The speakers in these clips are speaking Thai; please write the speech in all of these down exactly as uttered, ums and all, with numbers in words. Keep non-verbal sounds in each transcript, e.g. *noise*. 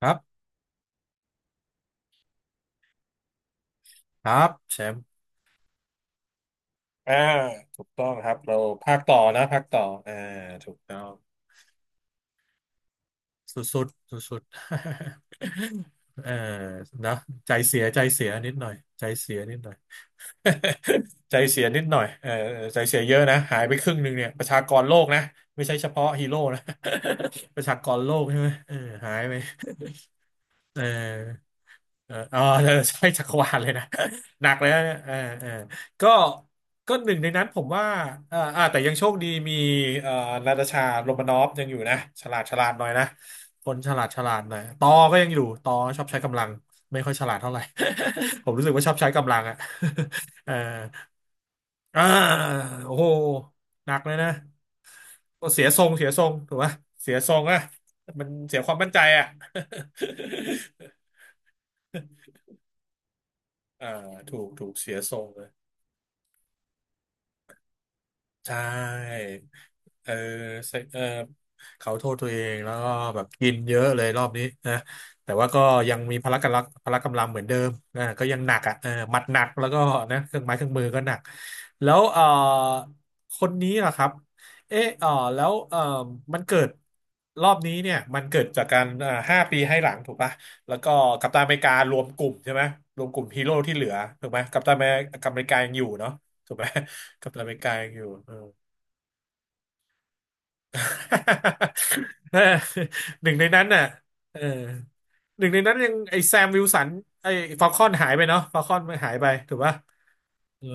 ครับครับแชมป์อ่าถูกต้องครับเราภาคต่อนะภาคต่ออ่าถูกต้องสุดๆสุดๆ *laughs* เออนะใจเสียใจเสียนิดหน่อยใจเสียนิดหน่อย *laughs* ใจเสียนิดหน่อยเออใจเสียเยอะนะหายไปครึ่งหนึ่งเนี่ยประชากรโลกนะไม่ใช่เฉพาะฮีโร่นะ *laughs* ประชากรโลกใช่ไหมเออหายไปเออ เออ *laughs* ออเออใช่จักรวาลเลยนะ *laughs* หนักเลยนะเนี่ยเออเออก็ก็หนึ่งในนั้นผมว่าเอออ่าแต่ยังโชคดีมีเอ่อนาตาชาโรมานอฟยังอยู่นะฉลาดฉลาดหน่อยนะคนฉลาดฉลาดหน่อยตอก็ยังอยู่ตอชอบใช้กำลัง ไม่ค่อยฉลาดเท่าไหร่ *laughs* ผมรู้สึกว่าชอบใช้กำลังอ่ะ *laughs* เอออ่าโอ้โหหนักเลยนะก็เสียทรงเสียทรงถูกไหมเสียทรงอ่ะมันเสียความมั่นใจอ่ะ *laughs* อ่าถูกถูกเสียทรงเลย ใช่เออเซเออเขาโทษตัวเองแล้วก็แบบกินเยอะเลยรอบนี้นะแต่ว่าก็ยังมีพละกำลังพละกำลังเหมือนเดิมนะก็ยังหนักอ่ะเออหมัดหนักแล้วก็นะเครื่องไม้เครื่องมือก็หนักแล้วเออคนนี้ล่ะครับเออเออแล้วเออมันเกิดรอบนี้เนี่ยมันเกิดจากการเอ่อห้าปีให้หลังถูกปะแล้วก็กัปตันอเมริการวมกลุ่มใช่ไหมรวมกลุ่มฮีโร่ที่เหลือถูกไหมกัปตันอเมริกัปตันอเมริกายังอยู่เนาะถูกไหมกัปตันอเมริกายังอยู่ *laughs* เออหนึ่งในนั้นน่ะเออหนึ่งในนั้นยังไอแซมวิลสันไอฟอลคอนหายไปเนาะฟอลคอนมันหายไปถูกปะเออ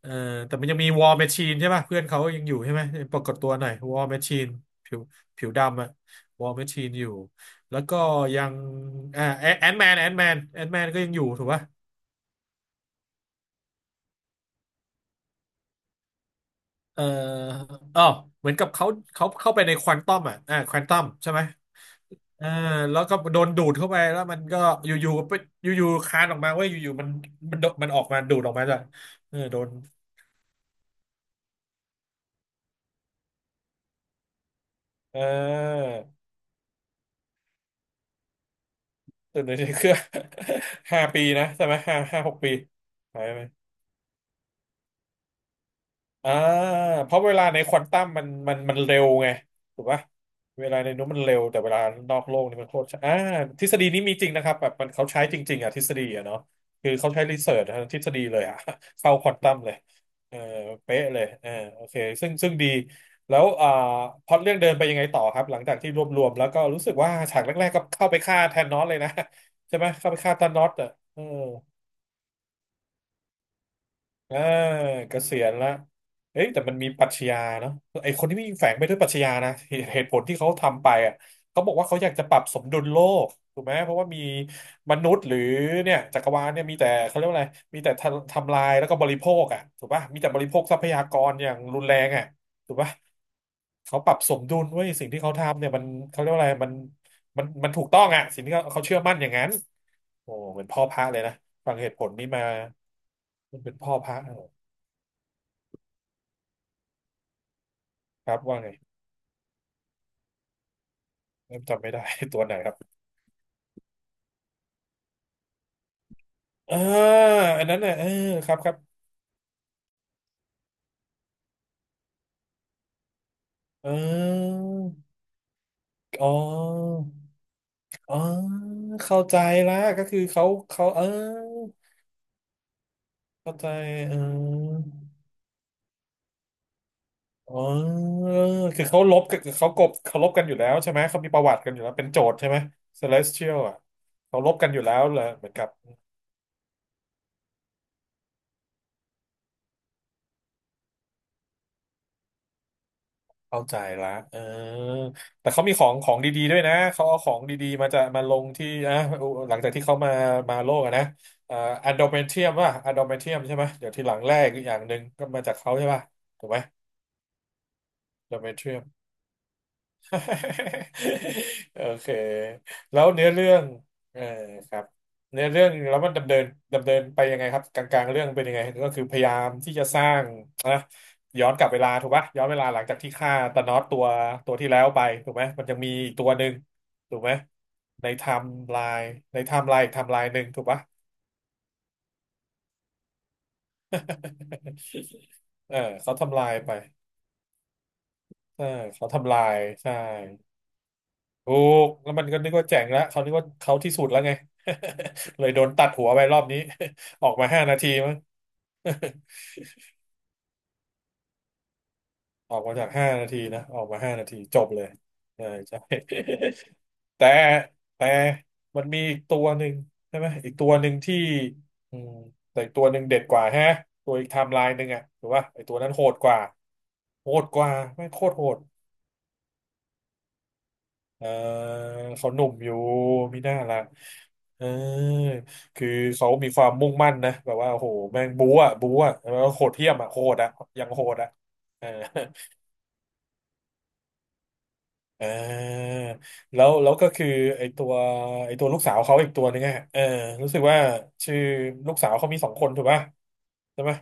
เออแต่มันยังมีวอ r m แมชชีนใช่ป่ะเพื่อนเขายังอยู่ใช่ไหมปรากฏตัวหน่อยวอ r m แมชชีนผิวผิวดำอะวอ r m แมชชีนอยู่แล้วก็ยังอ่าแอนแมนแอนแมนแอนแมนก็ยังอยู่ถูกปะเอ่ออ๋อเหมือนกับเขาเขาเข้าไปในควอนตัมอ่ะอ่าควอนตัมใช่ไหม อ่าแล้วก็โดนดูดเข้าไปแล้วมันก็อยู่ๆไปอยู่ๆคานออกมาเว้ยอยู่ๆมันมันโดมันออกมาดูดออกมาด้ยเออโดนเออตื่นเลย *laughs* เครื่อง *laughs* ห้าปีนะใช่ไหมห้าห้าหกปีหายไป อ่าเพราะเวลาในควอนตัมมันมันมันเร็วไงถูกปะเวลาในนู้นมันเร็วแต่เวลานอกโลกนี่มันโคตรช้าอ่าทฤษฎีนี้มีจริงนะครับแบบมันเขาใช้จริงๆอ่ะทฤษฎีอ่ะเนาะคือเขาใช้รีเสิร์ชทางทฤษฎีเลยอ่ะ *laughs* เข้าควอนตัมเลยเออเป๊ะเลยเออโอเคซึ่งซึ่งดีแล้วอ่าพล็อตเรื่องเดินไปยังไงต่อครับหลังจากที่รวบรวมแล้วก็รู้สึกว่าฉากแรกๆก็เข้าไปฆ่าแทนนอสเลยนะ *laughs* ใช่ไหมเข้าไปฆ่าธานอสอ่ะเออ อ่าเกษียณละเอ้ยแต่มันมีปรัชญาเนาะไอคนที่มีแฝงไปด้วยปรัชญานะเหตุเหตุผลที่เขาทำไปอ่ะเขาบอกว่าเขาอยากจะปรับสมดุลโลกถูกไหมเพราะว่ามีมนุษย์หรือเนี่ยจักรวาลเนี่ยมีแต่เขาเรียกว่าอะไรมีแต่ทำทำลายแล้วก็บริโภคอ่ะถูกป่ะมีแต่บริโภคทรัพยากรอย่างรุนแรงอ่ะถูกป่ะเขาปรับสมดุลไว้ยสิ่งที่เขาทำเนี่ยมันเขาเรียกว่าอะไรมันมันมันถูกต้องอ่ะสิ่งที่เขาเขาเชื่อมั่นอย่างนั้นโอ้เหมือนพ่อพระเลยนะฟังเหตุผลนี้มามันเป็นพ่อพระเออครับว่าไง เริ่มจำไม่ได้ *laughs* ตัวไหนครับอ่าอันนั้นน่ะเออครับครับเอออ๋ออ๋อเข้าใจละก็คือเขาเขาเออเข้าใจเอออ๋อคือเขาลบกับเขากบเขาลบกันอยู่แล้วใช่ไหมเขามีประวัติกันอยู่แล้วเป็นโจทย์ใช่ไหม Celestial อ่ะเขาลบกันอยู่แล้วเหรอเหมือนกับ เข้าใจละเออแต่เขามีของของดีๆด้วยนะเขาเอาของดีๆมาจะมาลงที่อ่ะ *laughs* หลังจากที่เขามามาโลกอะนะเอ่อแอนโดเมเทียมว่ะแอนโดเมเทียมใช่ไหมเดี๋ยวทีหลังแรกอกอย่างหนึ่งก็มาจากเขาใช่ป่ะถูกไหมแอนโดเมเทียม *laughs* โอเคแล้วเนื้อเรื่องเออครับเนื้อเรื่องแล้วมันดำเนินดำเนินไปยังไงครับกลางๆเรื่องเป็นยังไงก็คือพยายามที่จะสร้างนะย้อนกลับเวลาถูกปะย้อนเวลาหลังจากที่ฆ่าตานอสตัวตัวที่แล้วไปถูกไหมมันยังมีอีกตัวหนึ่งถูกไหมในไทม์ไลน์ในไทม์ไลน์ไทม์ไลน์หนึ่งถูกปะ *laughs* เออเขาทำลายไปเออเขาทำลายใช่ ถูกแล้วมันก็นึกว่าแจ๋งแล้วเขานึกว่าเขาที่สุดแล้วไง *laughs* เลยโดนตัดหัวไปรอบนี้ *laughs* ออกมาห้านาทีมั้ง *laughs* ออกมาจากห้านาทีนะออกมาห้านาทีจบเลยใช่ใช่ *laughs* แต่แต่มันมีอีกตัวหนึ่งใช่ไหมอีกตัวหนึ่งที่อืมแต่อีกตัวหนึ่งเด็ดกว่าฮะตัวอีกไทม์ไลน์หนึ่งอะถูกป่ะไอตัวนั้นโหดกว่าโหดกว่าไม่งโคตรโหด เออเขาหนุ่มอยู่มีหน้าละเออคือเขามีความมุ่งมั่นนะแบบว่าโอ้โหแม่งบู๊อะบู๊อะแล้วก็โหดเหี้ยมอะโหดอะยังโหดอะเออ *laughs* เออแล้วแล้วก็คือไอตัวไอตัวลูกสาวเขาอีกตัวนึงอะเออรู้สึกว่าชื่อลูกสาวเขามีสองคนถูกป่ะใช่ไหม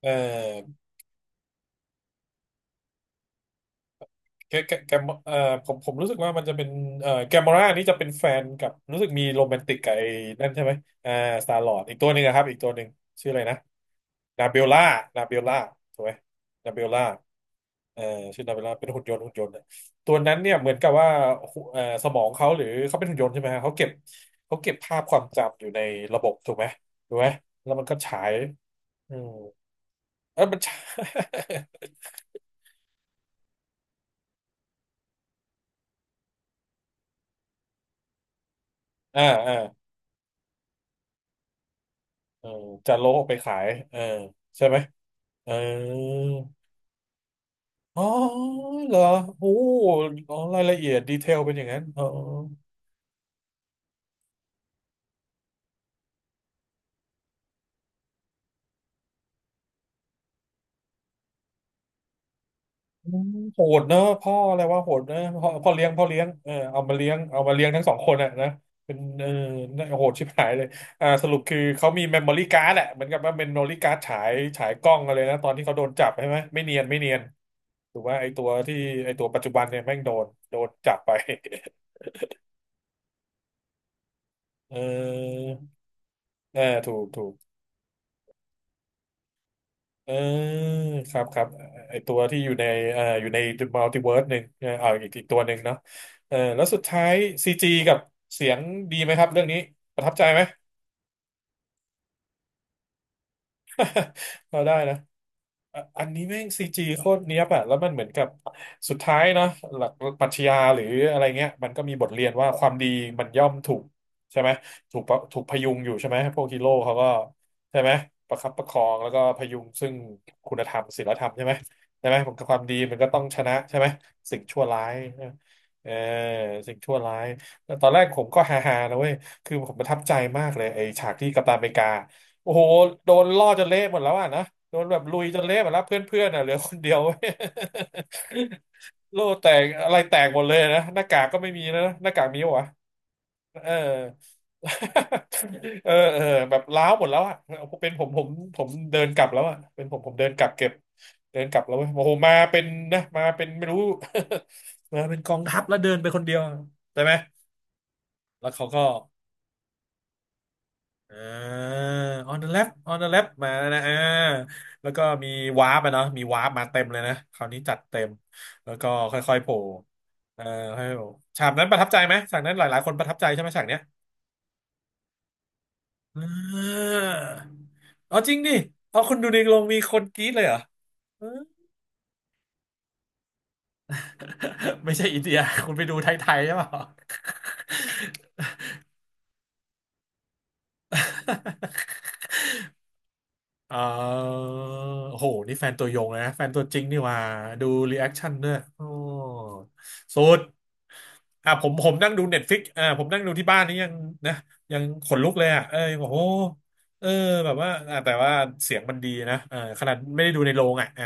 เออ แกแกแกมเอ่อผมผมรู้สึกว่ามันจะเป็นเอ่อแกมอรานี่จะเป็นแฟนกับรู้สึกมีโรแมนติกกับไอ้นั่นใช่ไหมอ่าสตาร์ลอร์ดอีกตัวหนึ่งนะครับ อีกตัวหนึ่งชื่ออะไรนะนาเบลล่านาเบลล่าถูกไหมนาเบลล่าเอ่อชื่อนาเบล่าเป็นหุ่นยนต์หุ่นยนต์เนะตัวนั้นเนี่ยเหมือนกับว่าหุเอ่อสมองเขาหรือเขาเป็นหุ่นยนต์ใช่ไหมฮะเขาเก็บเขาเก็บภาพความจำอยู่ในระบบถูกไหมถูกไหมแล้วมันก็ฉายอืมเออมันฉาย *laughs* อ่าอ่าเออจะโละออกไปขายเออใช่ไหม เอออ๋อเหรอโอ้อ๋อรายละเอียดดีเทลเป็นอย่างนั้นเอออืมโหดเนอะพ่ออะไรว่าโหดเนอะพ่อพ่อเลี้ยงพ่อเลี้ยงเออเอามาเลี้ยงเอามาเลี้ยงทั้งสองคนอะนะเป็นเออน่าโหดชิบหายเลยอ่าสรุปคือเขามีเมมโมรี่การ์ดอะเหมือนกับว่าเมมโมรี่การ์ดฉายฉายกล้องอะไรนะตอนที่เขาโดนจับใช่ไหมไม่เนียนไม่เนียนถือว่าไอตัวที่ไอตัวปัจจุบันเนี่ยแม่งโดนโดนจับไป *laughs* เออเออถูกถูก เออครับครับไอตัวที่อยู่ในเอ่ออยู่ในมัลติเวิร์สหนึ่งเออเอาอีกอีกตัวหนึ่งเนาะเออแล้วสุดท้ายซีจีกับเสียงดีไหมครับเรื่องนี้ประทับใจไหม *laughs* เราได้นะอ่ะอันนี้แม่งซีจีโคตรเนี้ยบอะแล้วมันเหมือนกับสุดท้ายเนาะหลักปรัชญาหรืออะไรเงี้ยมันก็มีบทเรียนว่าความดีมันย่อมถูกใช่ไหมถูกปะถูกพยุงอยู่ใช่ไหมพวกฮีโร่เขาก็ใช่ไหมประคับประคองแล้วก็พยุงซึ่งคุณธรรมศีลธรรมใช่ไหมใช่ไหมผมความดีมันก็ต้องชนะใช่ไหมสิ่งชั่วร้ายเออสิ่งชั่วร้ายแต่ตอนแรกผมก็ฮาๆนะเว้ยคือผมประทับใจมากเลยไอ้ฉากที่กัปตันอเมริกา โอ้โหโดนล่อจนเละหมดแล้วอ่ะนะโดนแบบลุยจนเละหมดแล้วเพื่อนๆอ่ะเหลือคนเดียว *laughs* โล่แตกอะไรแตกหมดเลยนะหน้ากากก็ไม่มีแล้วนะหน้ากากมีวะเออ *laughs* เออเออแบบล้าวหมดแล้วอ่ะเป็นผมผมผมเดินกลับแล้วอ่ะเป็นผมผมเดินกลับเก็บเดินกลับแล้วเว้ยโอ้โหมาเป็นนะมาเป็นไม่รู้ *laughs* มาเป็นกองทัพแล้วเดินไปคนเดียวใช่ไหมแล้วเขาก็ อ่า on the left on the left มาแล้วนะอ่าแล้วก็มีวาร์ปอะเนาะมีวาร์ปมาเต็มเลยนะคราวนี้จัดเต็มแล้วก็ค่อยๆโผล่เอ่อให้โผล่ฉากนั้นประทับใจไหมฉากนั้นหลายๆคนประทับใจใช่ไหมฉากเนี้ยอ่าเอาจริงดิเอาคนดูในโรงมีคนกรี๊ดเลยเหรอเออไม่ใช่อินเดียคุณไปดูไทยๆใช่เปล่า *laughs* เออโหนี่แฟนตัวยงเลยนะแฟนตัวจริงนี่หว่าดูรีแอคชั่นด้วยโอ้สุดอ่ะผมผมนั่งดูเน็ตฟิกอ่าผมนั่งดูที่บ้านนี่ยังนะยังขนลุกเลยอ่ะเออยังบอกโอ้เออแบบว่าอ่ะแต่ว่าเสียงมันดีนะเออขนาดไม่ได้ดูในโรงอ่ะเออ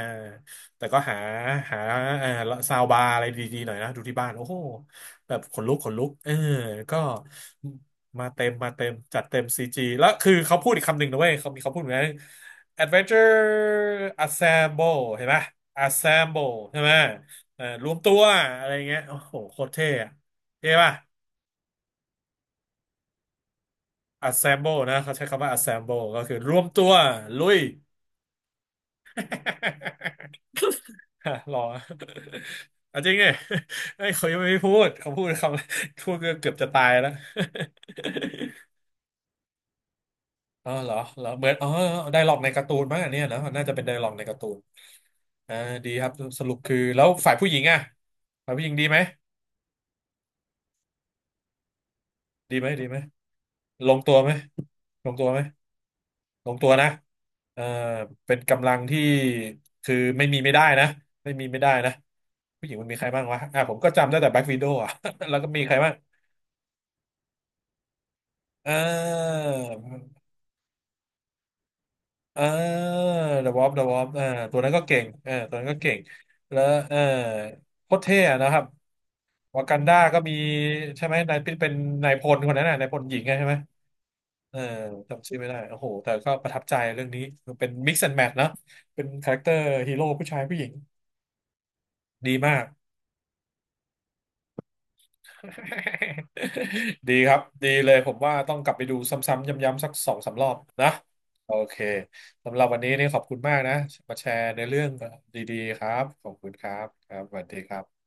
แต่ก็หาหาเออซาวบาร์อะไรดีๆหน่อยนะดูที่บ้านโอ้โหแบบขนลุกขนลุกเออก็มาเต็มมาเต็มจัดเต็มซีจีแล้วคือเขาพูดอีกคำหนึ่งนะเว้ยเขามีเขาพูดเหมือนกัน Adventure Assemble เห็นปะ Assemble ใช่ไหมเอ่อรวมตัวอะไรเงี้ยโอ้โหโคตรเท่อะเท่ปะ Assemble นะเขาใช้คำว่า Assemble ก็คือรวมตัวลุย *laughs* หรอเอาจริง *laughs* เนี่ยไอ้ยเขายังไม่พูดเขาพูด *laughs* คำพูดก็เกือบจะตายแล้ว *laughs* อ๋อเหรอเหรอเหมือนอ๋อไดร็อกในการ์ตูนมั้งอันเนี่ยนะน่าจะเป็นไดร็อกในการ์ตูนอ่าดีครับสรุปคือแล้วฝ่ายผู้หญิงอ่ะฝ่ายผู้หญิงดีไหม ดีไหมดีไหมลงตัวไหมลงตัวไหมลงตัวนะเออเป็นกำลังที่คือไม่มีไม่ได้นะไม่มีไม่ได้นะผู้หญิงมันมีใครบ้างวะอ่ะผมก็จำได้แต่แบ็ k ว i ด o w อ่ะ *laughs* แล้วก็มีใครบ้างอ่าอ่าเดอะวอลเดอะวออ่าตัวนั้นก็เก่งเออตัวนั้นก็เก่งแล้วเออโคตรเท่อะนะครับวากันดาก็มีใช่ไหมนายเป็นนายพลคนนั้นน่ะนายพลหญิงไงใช่ไหม เออจำชื่อไม่ได้โอ้โหแต่ก็ประทับใจเรื่องนี้คือเป็น mix and match นะเป็นคาแรคเตอร์ฮีโร่ผู้ชายผู้หญิงดีมาก *laughs* ดีครับดีเลยผมว่าต้องกลับไปดูซ้ำๆย้ำๆสักสองสามรอบนะโอเคสำหรับวันนี้นี่ขอบคุณมากนะมาแชร์ในเรื่องดีๆครับขอบคุณครับครับสวัสดีครับ